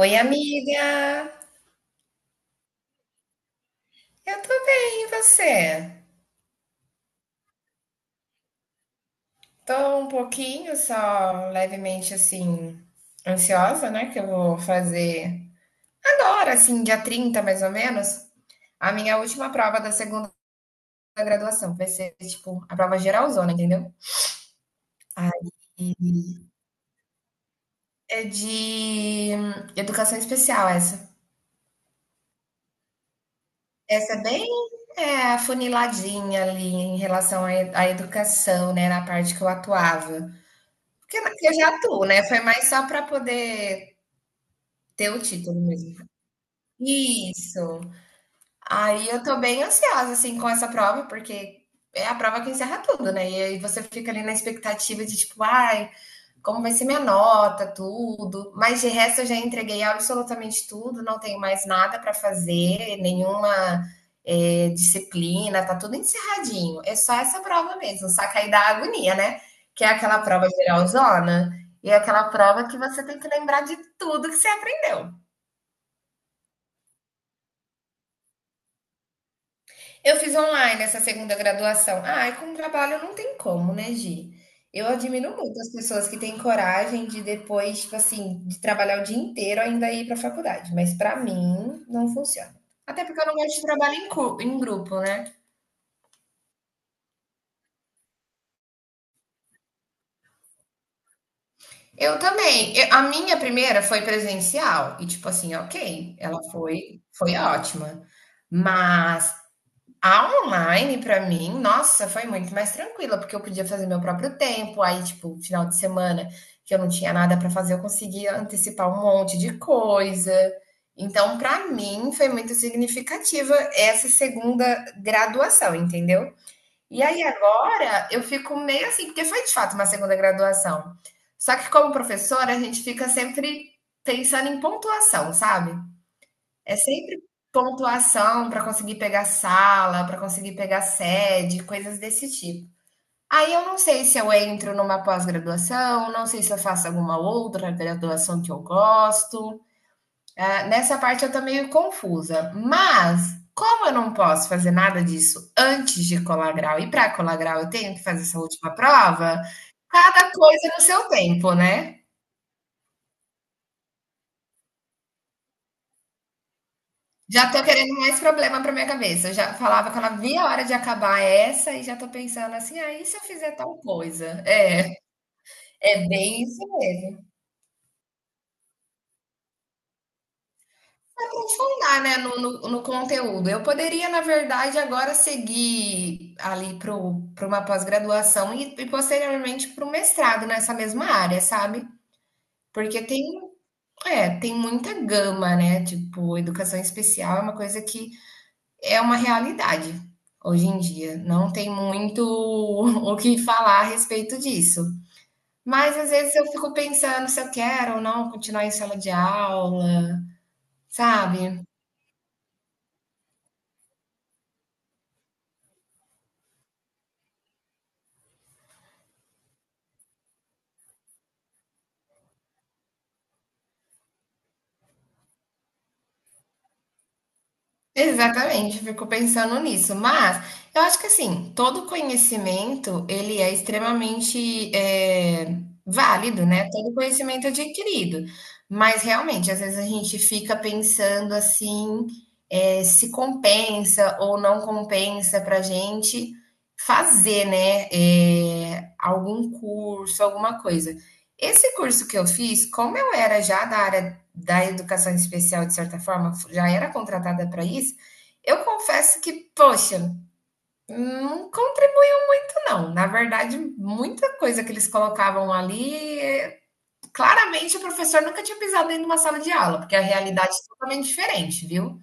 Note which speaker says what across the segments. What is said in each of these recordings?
Speaker 1: Oi, amiga! Eu tô bem, e você? Tô um pouquinho, só levemente assim, ansiosa, né? Que eu vou fazer agora, assim, dia 30 mais ou menos, a minha última prova da segunda graduação. Vai ser, tipo, a prova geralzona, entendeu? Aí é de educação especial essa. Essa é bem afuniladinha ali em relação à à educação, né? Na parte que eu atuava. Porque eu já atuo, né? Foi mais só para poder ter o título mesmo. Isso. Aí eu tô bem ansiosa, assim, com essa prova, porque é a prova que encerra tudo, né? E aí você fica ali na expectativa de, tipo, ai, como vai ser minha nota, tudo. Mas de resto eu já entreguei absolutamente tudo, não tenho mais nada para fazer, nenhuma disciplina, tá tudo encerradinho. É só essa prova mesmo, só cair da agonia, né? Que é aquela prova geralzona, e é aquela prova que você tem que lembrar de tudo que você aprendeu. Eu fiz online essa segunda graduação. Ah, e com trabalho não tem como, né, Gi? Eu admiro muito as pessoas que têm coragem de depois, tipo assim, de trabalhar o dia inteiro ainda ir para a faculdade. Mas para mim não funciona. Até porque eu não gosto de trabalho em, em grupo, né? Eu também. A minha primeira foi presencial e tipo assim, ok, ela foi ótima. Mas a online, pra mim, nossa, foi muito mais tranquila, porque eu podia fazer meu próprio tempo. Aí, tipo, final de semana que eu não tinha nada pra fazer, eu conseguia antecipar um monte de coisa. Então, pra mim, foi muito significativa essa segunda graduação, entendeu? E aí agora eu fico meio assim, porque foi de fato uma segunda graduação. Só que como professora, a gente fica sempre pensando em pontuação, sabe? É sempre pontuação para conseguir pegar sala, para conseguir pegar sede, coisas desse tipo. Aí eu não sei se eu entro numa pós-graduação, não sei se eu faço alguma outra graduação que eu gosto. Ah, nessa parte eu tô meio confusa. Mas, como eu não posso fazer nada disso antes de colar grau, e para colar grau eu tenho que fazer essa última prova, cada coisa no seu tempo, né? Já tô querendo mais problema pra minha cabeça. Eu já falava que eu não via a hora de acabar essa e já tô pensando assim: "Ah, e se eu fizer tal coisa?". É, é bem isso mesmo. Pra aprofundar, né, no conteúdo. Eu poderia, na verdade, agora seguir ali pro o uma pós-graduação e posteriormente pro mestrado nessa mesma área, sabe. Porque tem muita gama, né, tipo, educação especial é uma coisa que é uma realidade hoje em dia. Não tem muito o que falar a respeito disso. Mas às vezes eu fico pensando se eu quero ou não continuar em sala de aula, sabe? Exatamente, eu fico pensando nisso, mas eu acho que assim, todo conhecimento ele é extremamente válido, né? Todo conhecimento é adquirido, mas realmente às vezes a gente fica pensando assim, se compensa ou não compensa para gente fazer, né? Algum curso, alguma coisa. Esse curso que eu fiz, como eu era já da área da educação especial, de certa forma, já era contratada para isso, eu confesso que, poxa, não contribui muito, não. Na verdade, muita coisa que eles colocavam ali, claramente o professor nunca tinha pisado dentro de uma sala de aula, porque a realidade é totalmente diferente, viu?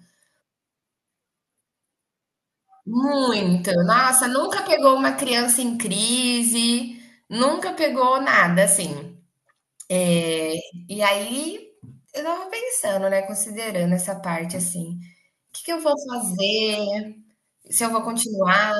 Speaker 1: Muito. Nossa, nunca pegou uma criança em crise, nunca pegou nada, assim. É, e aí, eu tava pensando, né, considerando essa parte, assim. Que eu vou fazer? Se eu vou continuar?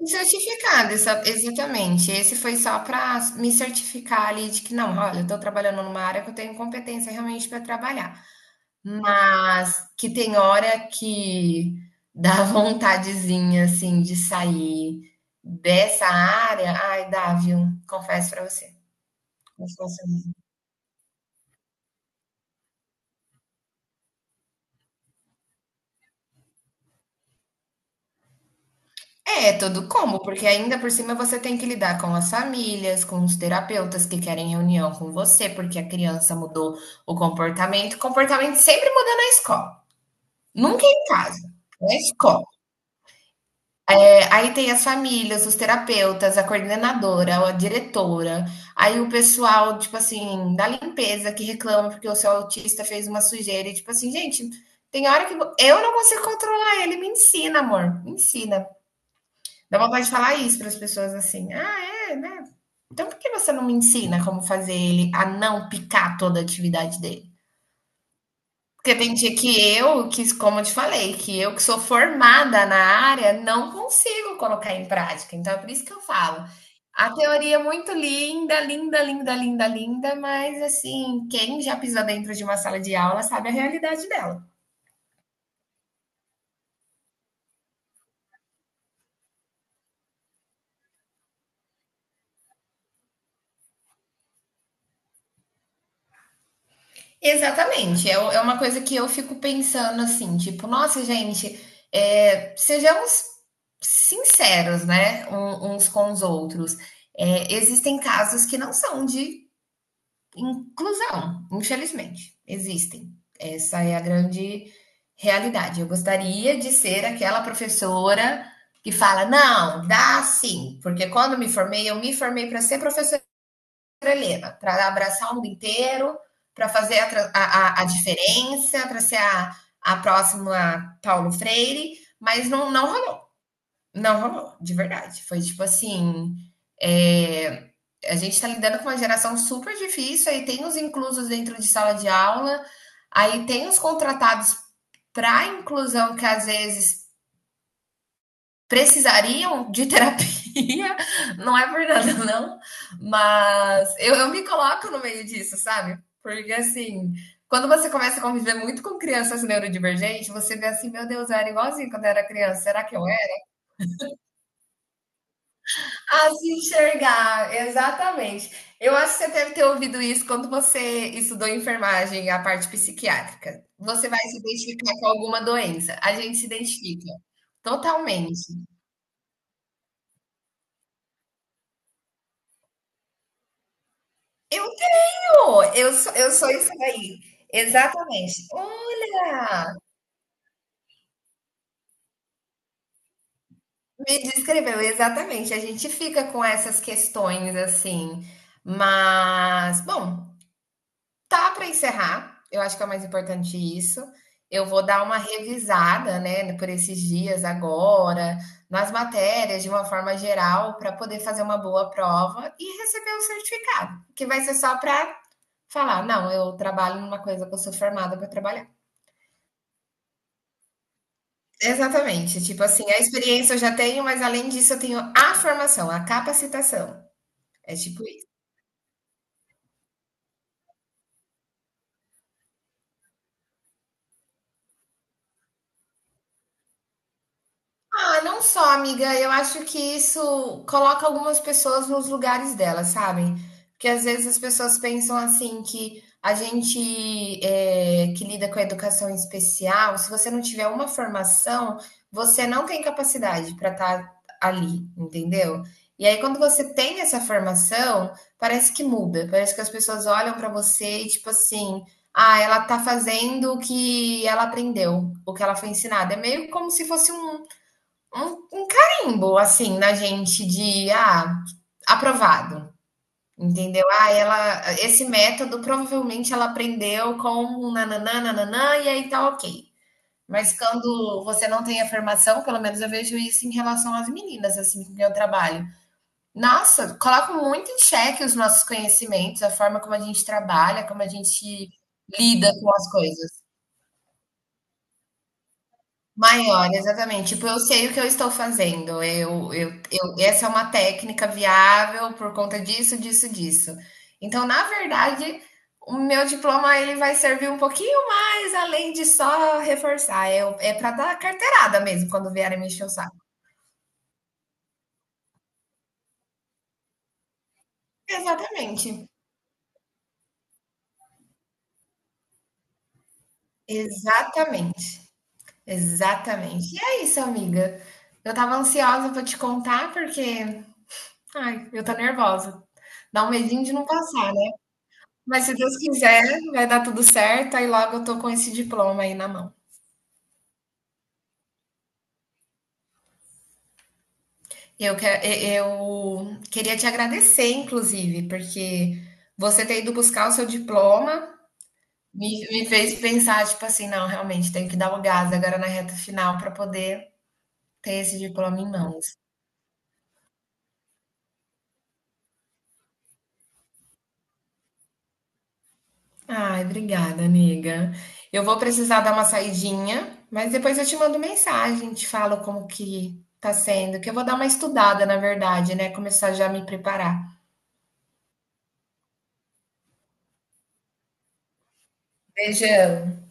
Speaker 1: Me certificar dessa exatamente. Esse foi só para me certificar ali de que não, olha, eu estou trabalhando numa área que eu tenho competência realmente para trabalhar, mas que tem hora que dá vontadezinha, assim, de sair dessa área. Ai, dá, viu? Confesso para você. Confesso É, todo combo, porque ainda por cima você tem que lidar com as famílias, com os terapeutas que querem reunião com você, porque a criança mudou o comportamento. Comportamento sempre muda na escola, nunca é em casa, na escola. É, aí tem as famílias, os terapeutas, a coordenadora, a diretora, aí o pessoal, tipo assim, da limpeza que reclama porque o seu autista fez uma sujeira, e tipo assim, gente, tem hora que eu não consigo controlar ele, me ensina, amor, me ensina. Dá vontade de falar isso para as pessoas assim. Ah, é, né? Então por que você não me ensina como fazer ele a não picar toda a atividade dele? Porque tem dia que eu, que, como eu te falei, que eu que sou formada na área, não consigo colocar em prática. Então é por isso que eu falo. A teoria é muito linda, linda, linda, linda, linda, mas assim, quem já pisou dentro de uma sala de aula sabe a realidade dela. Exatamente, é u é uma coisa que eu fico pensando, assim, tipo: "Nossa, gente, sejamos sinceros, né, uns com os outros". Existem casos que não são de inclusão, infelizmente, existem. Essa é a grande realidade. Eu gostaria de ser aquela professora que fala: "Não, dá sim, porque quando me formei, eu me formei para ser professora". Helena, para abraçar o mundo inteiro, para fazer a diferença, para ser a próxima Paulo Freire, mas não, não rolou, não rolou, de verdade. Foi tipo assim. É, a gente está lidando com uma geração super difícil, aí tem os inclusos dentro de sala de aula, aí tem os contratados para inclusão que às vezes precisariam de terapia, não é por nada, não, mas eu me coloco no meio disso, sabe? Porque assim, quando você começa a conviver muito com crianças neurodivergentes, você vê assim, meu Deus, eu era igualzinho quando eu era criança, será que eu era? A se enxergar, exatamente. Eu acho que você deve ter ouvido isso quando você estudou enfermagem, a parte psiquiátrica. Você vai se identificar com alguma doença. A gente se identifica totalmente. Eu Pô, eu sou isso daí. Exatamente. Olha, me descreveu, exatamente. A gente fica com essas questões assim, mas bom, tá para encerrar. Eu acho que é o mais importante isso. Eu vou dar uma revisada, né, por esses dias agora, nas matérias de uma forma geral, para poder fazer uma boa prova e receber o certificado, que vai ser só para falar, não, eu trabalho numa coisa que eu sou formada para trabalhar. Exatamente, tipo assim, a experiência eu já tenho, mas além disso eu tenho a formação, a capacitação. É tipo Ah, não só, amiga. Eu acho que isso coloca algumas pessoas nos lugares delas, sabe? Porque às vezes as pessoas pensam assim que a gente é, que lida com a educação especial, se você não tiver uma formação, você não tem capacidade para estar ali, entendeu? E aí, quando você tem essa formação, parece que muda, parece que as pessoas olham para você e tipo assim, ah, ela tá fazendo o que ela aprendeu, o que ela foi ensinada. É meio como se fosse um carimbo, assim, na gente de, ah, aprovado, entendeu? Ah, ela, esse método provavelmente ela aprendeu com um nananã, nananã, e aí tá ok. Mas quando você não tem afirmação, pelo menos eu vejo isso em relação às meninas, assim, com quem eu trabalho. Nossa, coloca muito em xeque os nossos conhecimentos, a forma como a gente trabalha, como a gente lida com as coisas. Maior, exatamente. Tipo, eu sei o que eu estou fazendo. Essa é uma técnica viável por conta disso, disso, disso. Então, na verdade, o meu diploma ele vai servir um pouquinho mais além de só reforçar. É, é para dar carteirada mesmo quando vierem me encher o saco. Exatamente. Exatamente. Exatamente. E é isso, amiga. Eu tava ansiosa para te contar porque, ai, eu tô nervosa. Dá um medinho de não passar. Mas se Deus quiser, vai dar tudo certo, aí logo eu tô com esse diploma aí na mão. Eu, que- eu queria te agradecer, inclusive, porque você ter ido buscar o seu diploma me fez pensar, tipo assim, não, realmente, tenho que dar o gás agora na reta final para poder ter esse diploma em mãos. Ai, obrigada, amiga. Eu vou precisar dar uma saidinha, mas depois eu te mando mensagem, te falo como que tá sendo, que eu vou dar uma estudada, na verdade, né? Começar já a me preparar. Beijão.